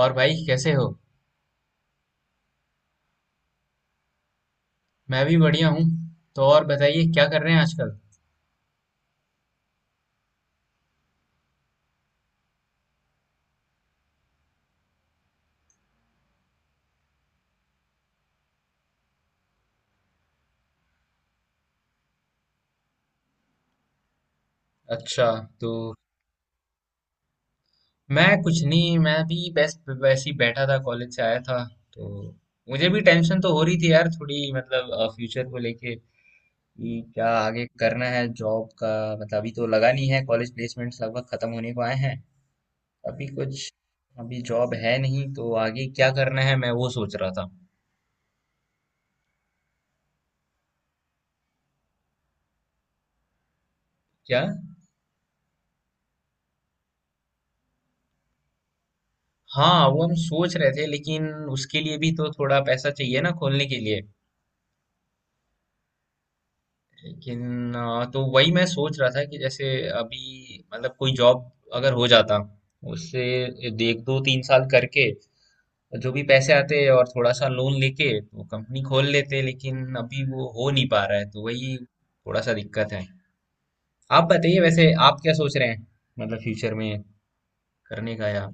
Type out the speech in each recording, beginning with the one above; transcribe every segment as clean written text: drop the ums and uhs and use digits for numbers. और भाई कैसे हो? मैं भी बढ़िया हूँ। तो और बताइए क्या कर रहे हैं आजकल? अच्छा। तो मैं कुछ नहीं। मैं भी बस वैसे ही बैठा था, कॉलेज से आया था। तो मुझे भी टेंशन तो हो रही थी यार थोड़ी, मतलब फ्यूचर को लेके, कि क्या आगे करना है जॉब का। मतलब अभी तो लगा नहीं है, कॉलेज प्लेसमेंट्स लगभग खत्म होने को आए हैं। अभी कुछ अभी जॉब है नहीं, तो आगे क्या करना है मैं वो सोच रहा था। क्या? हाँ वो हम सोच रहे थे लेकिन उसके लिए भी तो थोड़ा पैसा चाहिए ना खोलने के लिए। लेकिन तो वही मैं सोच रहा था कि जैसे अभी मतलब कोई जॉब अगर हो जाता, उससे एक दो तीन साल करके जो भी पैसे आते और थोड़ा सा लोन लेके तो कंपनी खोल लेते, लेकिन अभी वो हो नहीं पा रहा है तो वही थोड़ा सा दिक्कत है। आप बताइए वैसे आप क्या सोच रहे हैं, मतलब फ्यूचर में करने का या?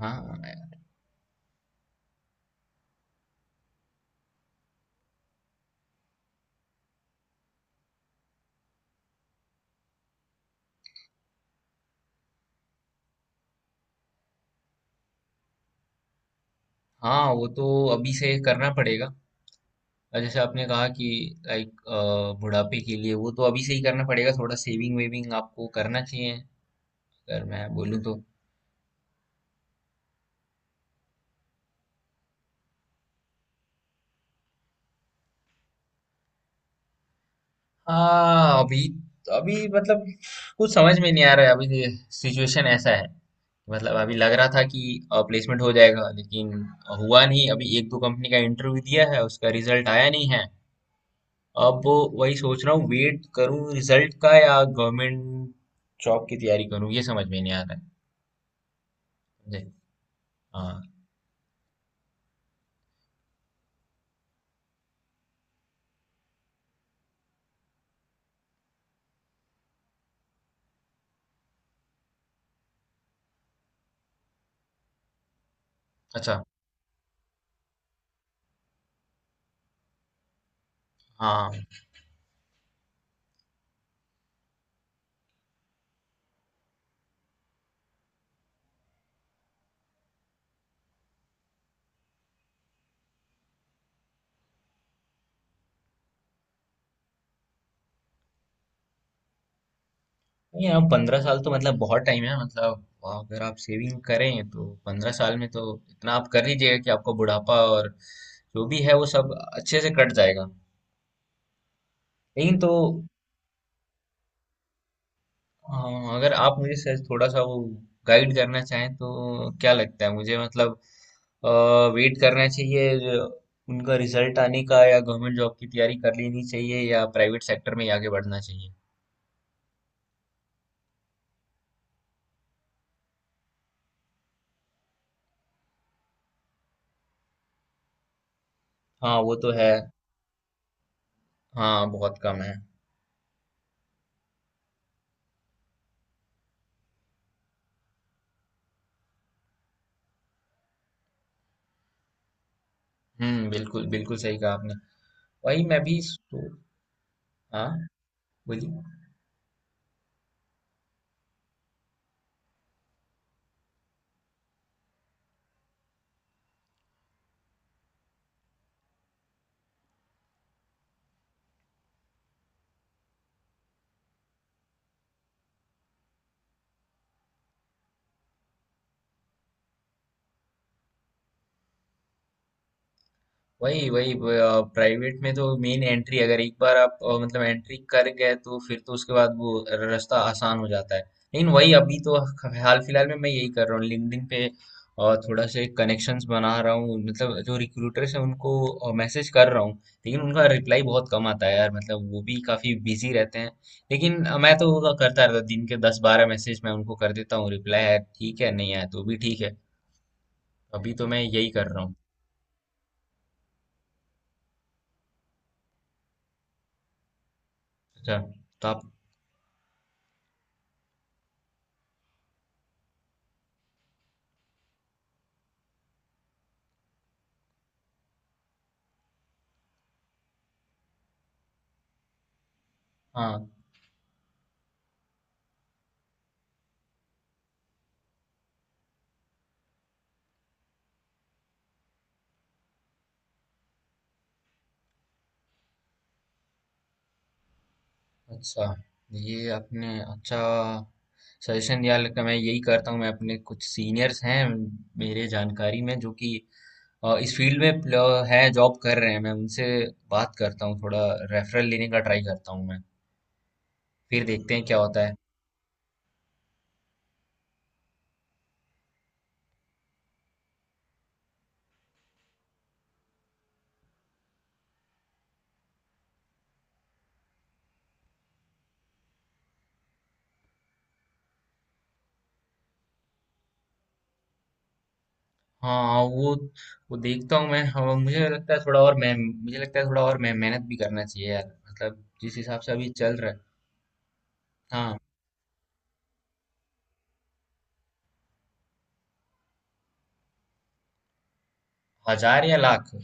हाँ, हाँ, वो तो अभी से करना पड़ेगा। और जैसे आपने कहा कि लाइक बुढ़ापे के लिए वो तो अभी से ही करना पड़ेगा, थोड़ा सेविंग वेविंग आपको करना चाहिए अगर मैं बोलूँ तो। हाँ अभी अभी मतलब कुछ समझ में नहीं आ रहा है अभी। सिचुएशन ऐसा है। मतलब अभी लग रहा था कि प्लेसमेंट हो जाएगा लेकिन हुआ नहीं। अभी एक दो कंपनी का इंटरव्यू दिया है, उसका रिजल्ट आया नहीं है। अब वही सोच रहा हूँ वेट करूँ रिजल्ट का या गवर्नमेंट जॉब की तैयारी करूँ, ये समझ में नहीं आ रहा है मुझे। हाँ। अच्छा। हाँ। नहीं, अब 15 साल तो मतलब बहुत टाइम है। मतलब अगर आप सेविंग करें तो 15 साल में तो इतना आप कर लीजिएगा कि आपको बुढ़ापा और जो भी है वो सब अच्छे से कट जाएगा। लेकिन तो अगर आप मुझे सर थोड़ा सा वो गाइड करना चाहें तो क्या लगता है मुझे, मतलब वेट करना चाहिए जो उनका रिजल्ट आने का या गवर्नमेंट जॉब की तैयारी कर लेनी चाहिए या प्राइवेट सेक्टर में ही आगे बढ़ना चाहिए? हाँ वो तो है। हाँ बहुत कम है। हम्म, बिल्कुल बिल्कुल सही कहा आपने। वही मैं भी सो- हाँ। बोलिए। वही वही। प्राइवेट में तो मेन एंट्री, अगर एक बार आप मतलब एंट्री कर गए तो फिर तो उसके बाद वो रास्ता आसान हो जाता है। लेकिन वही अभी तो हाल फिलहाल में मैं यही कर रहा हूँ लिंक्डइन पे, थोड़ा से कनेक्शंस बना रहा हूँ, मतलब जो रिक्रूटर्स हैं उनको मैसेज कर रहा हूँ। लेकिन उनका रिप्लाई बहुत कम आता है यार, मतलब वो भी काफी बिजी रहते हैं। लेकिन मैं तो वो करता रहता हूँ, दिन के दस बारह मैसेज मैं उनको कर देता हूँ, रिप्लाई है ठीक है, नहीं आया तो भी ठीक है। अभी तो मैं यही कर रहा हूँ। अच्छा। तो आप। हाँ। अच्छा। ये आपने अच्छा सजेशन दिया लगता, मैं यही करता हूँ। मैं अपने कुछ सीनियर्स हैं मेरे जानकारी में जो कि इस फील्ड में है जॉब कर रहे हैं, मैं उनसे बात करता हूँ थोड़ा, रेफरल लेने का ट्राई करता हूँ मैं। फिर देखते हैं क्या होता है। हाँ, हाँ, वो देखता हूँ मैं। हाँ, मुझे लगता है थोड़ा और मैं मेहनत भी करना चाहिए यार, मतलब जिस हिसाब से अभी चल रहा है। हाँ। हजार या लाख?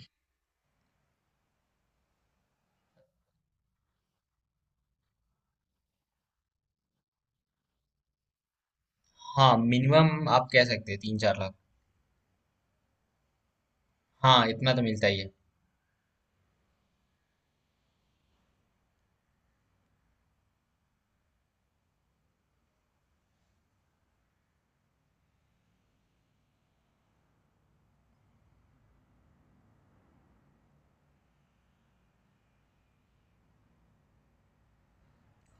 हाँ मिनिमम आप कह सकते हैं तीन चार लाख। हाँ इतना तो मिलता ही है।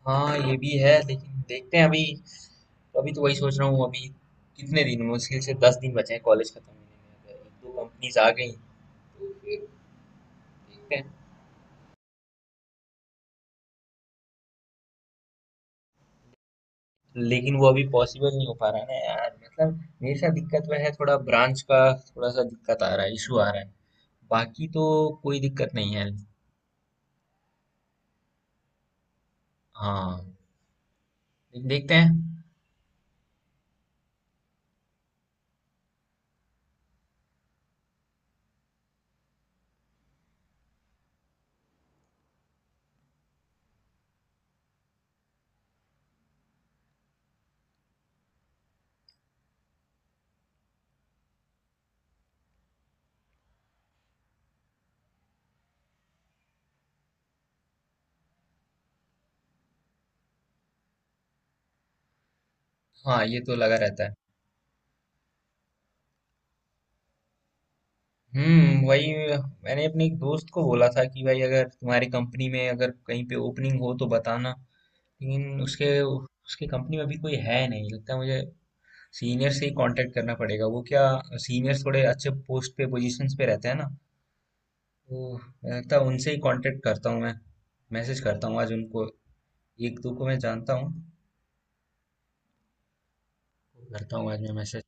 हाँ ये भी है, लेकिन देखते हैं अभी। अभी तो वही सोच रहा हूँ अभी, कितने दिन मुश्किल से 10 दिन बचे हैं कॉलेज खत्म होने में, अगर एक दो कंपनीज आ गई। देखते हैं। लेकिन वो अभी पॉसिबल नहीं हो पा रहा है ना यार, मतलब मेरे साथ दिक्कत वह है थोड़ा ब्रांच का थोड़ा सा दिक्कत आ रहा है, इशू आ रहा है। बाकी तो कोई दिक्कत नहीं है। हाँ। लेकिन देखते हैं। हाँ ये तो लगा रहता है। वही। मैंने अपने एक दोस्त को बोला था कि भाई अगर तुम्हारी कंपनी में अगर कहीं पे ओपनिंग हो तो बताना। लेकिन उसके उसके कंपनी में अभी कोई है नहीं लगता है मुझे। सीनियर से ही कांटेक्ट करना पड़ेगा। वो क्या, सीनियर थोड़े अच्छे पोस्ट पे पोजीशंस पे रहते हैं ना, तो मुझे लगता है उनसे ही कांटेक्ट करता हूँ मैं, मैसेज करता हूँ आज उनको। एक दो को मैं जानता हूँ। करता हूँ आज मैं मैसेज।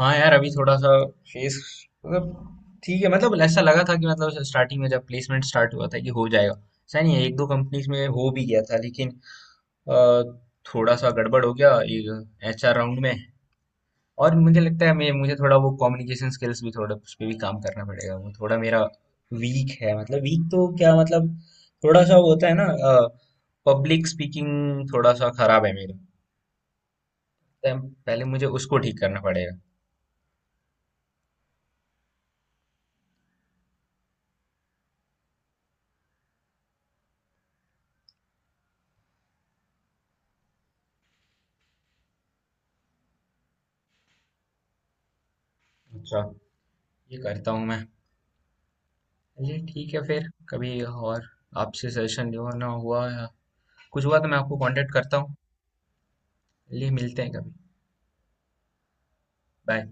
हाँ यार अभी थोड़ा सा फेस, मतलब ठीक है, मतलब ऐसा लगा था कि मतलब स्टार्टिंग में जब प्लेसमेंट स्टार्ट हुआ था कि हो जाएगा, ऐसा नहीं है, एक दो कंपनीज में हो भी गया था लेकिन अ, थोड़ा सा गड़बड़ हो गया एचआर राउंड में। और मुझे लगता है मैं मुझे थोड़ा वो कम्युनिकेशन स्किल्स भी थोड़ा उस पर भी काम करना पड़ेगा, वो थोड़ा मेरा वीक है, मतलब वीक तो क्या मतलब थोड़ा सा वो होता है ना, पब्लिक स्पीकिंग थोड़ा सा खराब है मेरा, तो पहले मुझे उसको ठीक करना पड़ेगा। अच्छा। ये करता हूँ मैं। चलिए ठीक है, फिर कभी और आपसे सजेशन लेना हुआ या कुछ हुआ तो मैं आपको कांटेक्ट करता हूँ। चलिए मिलते हैं कभी। बाय।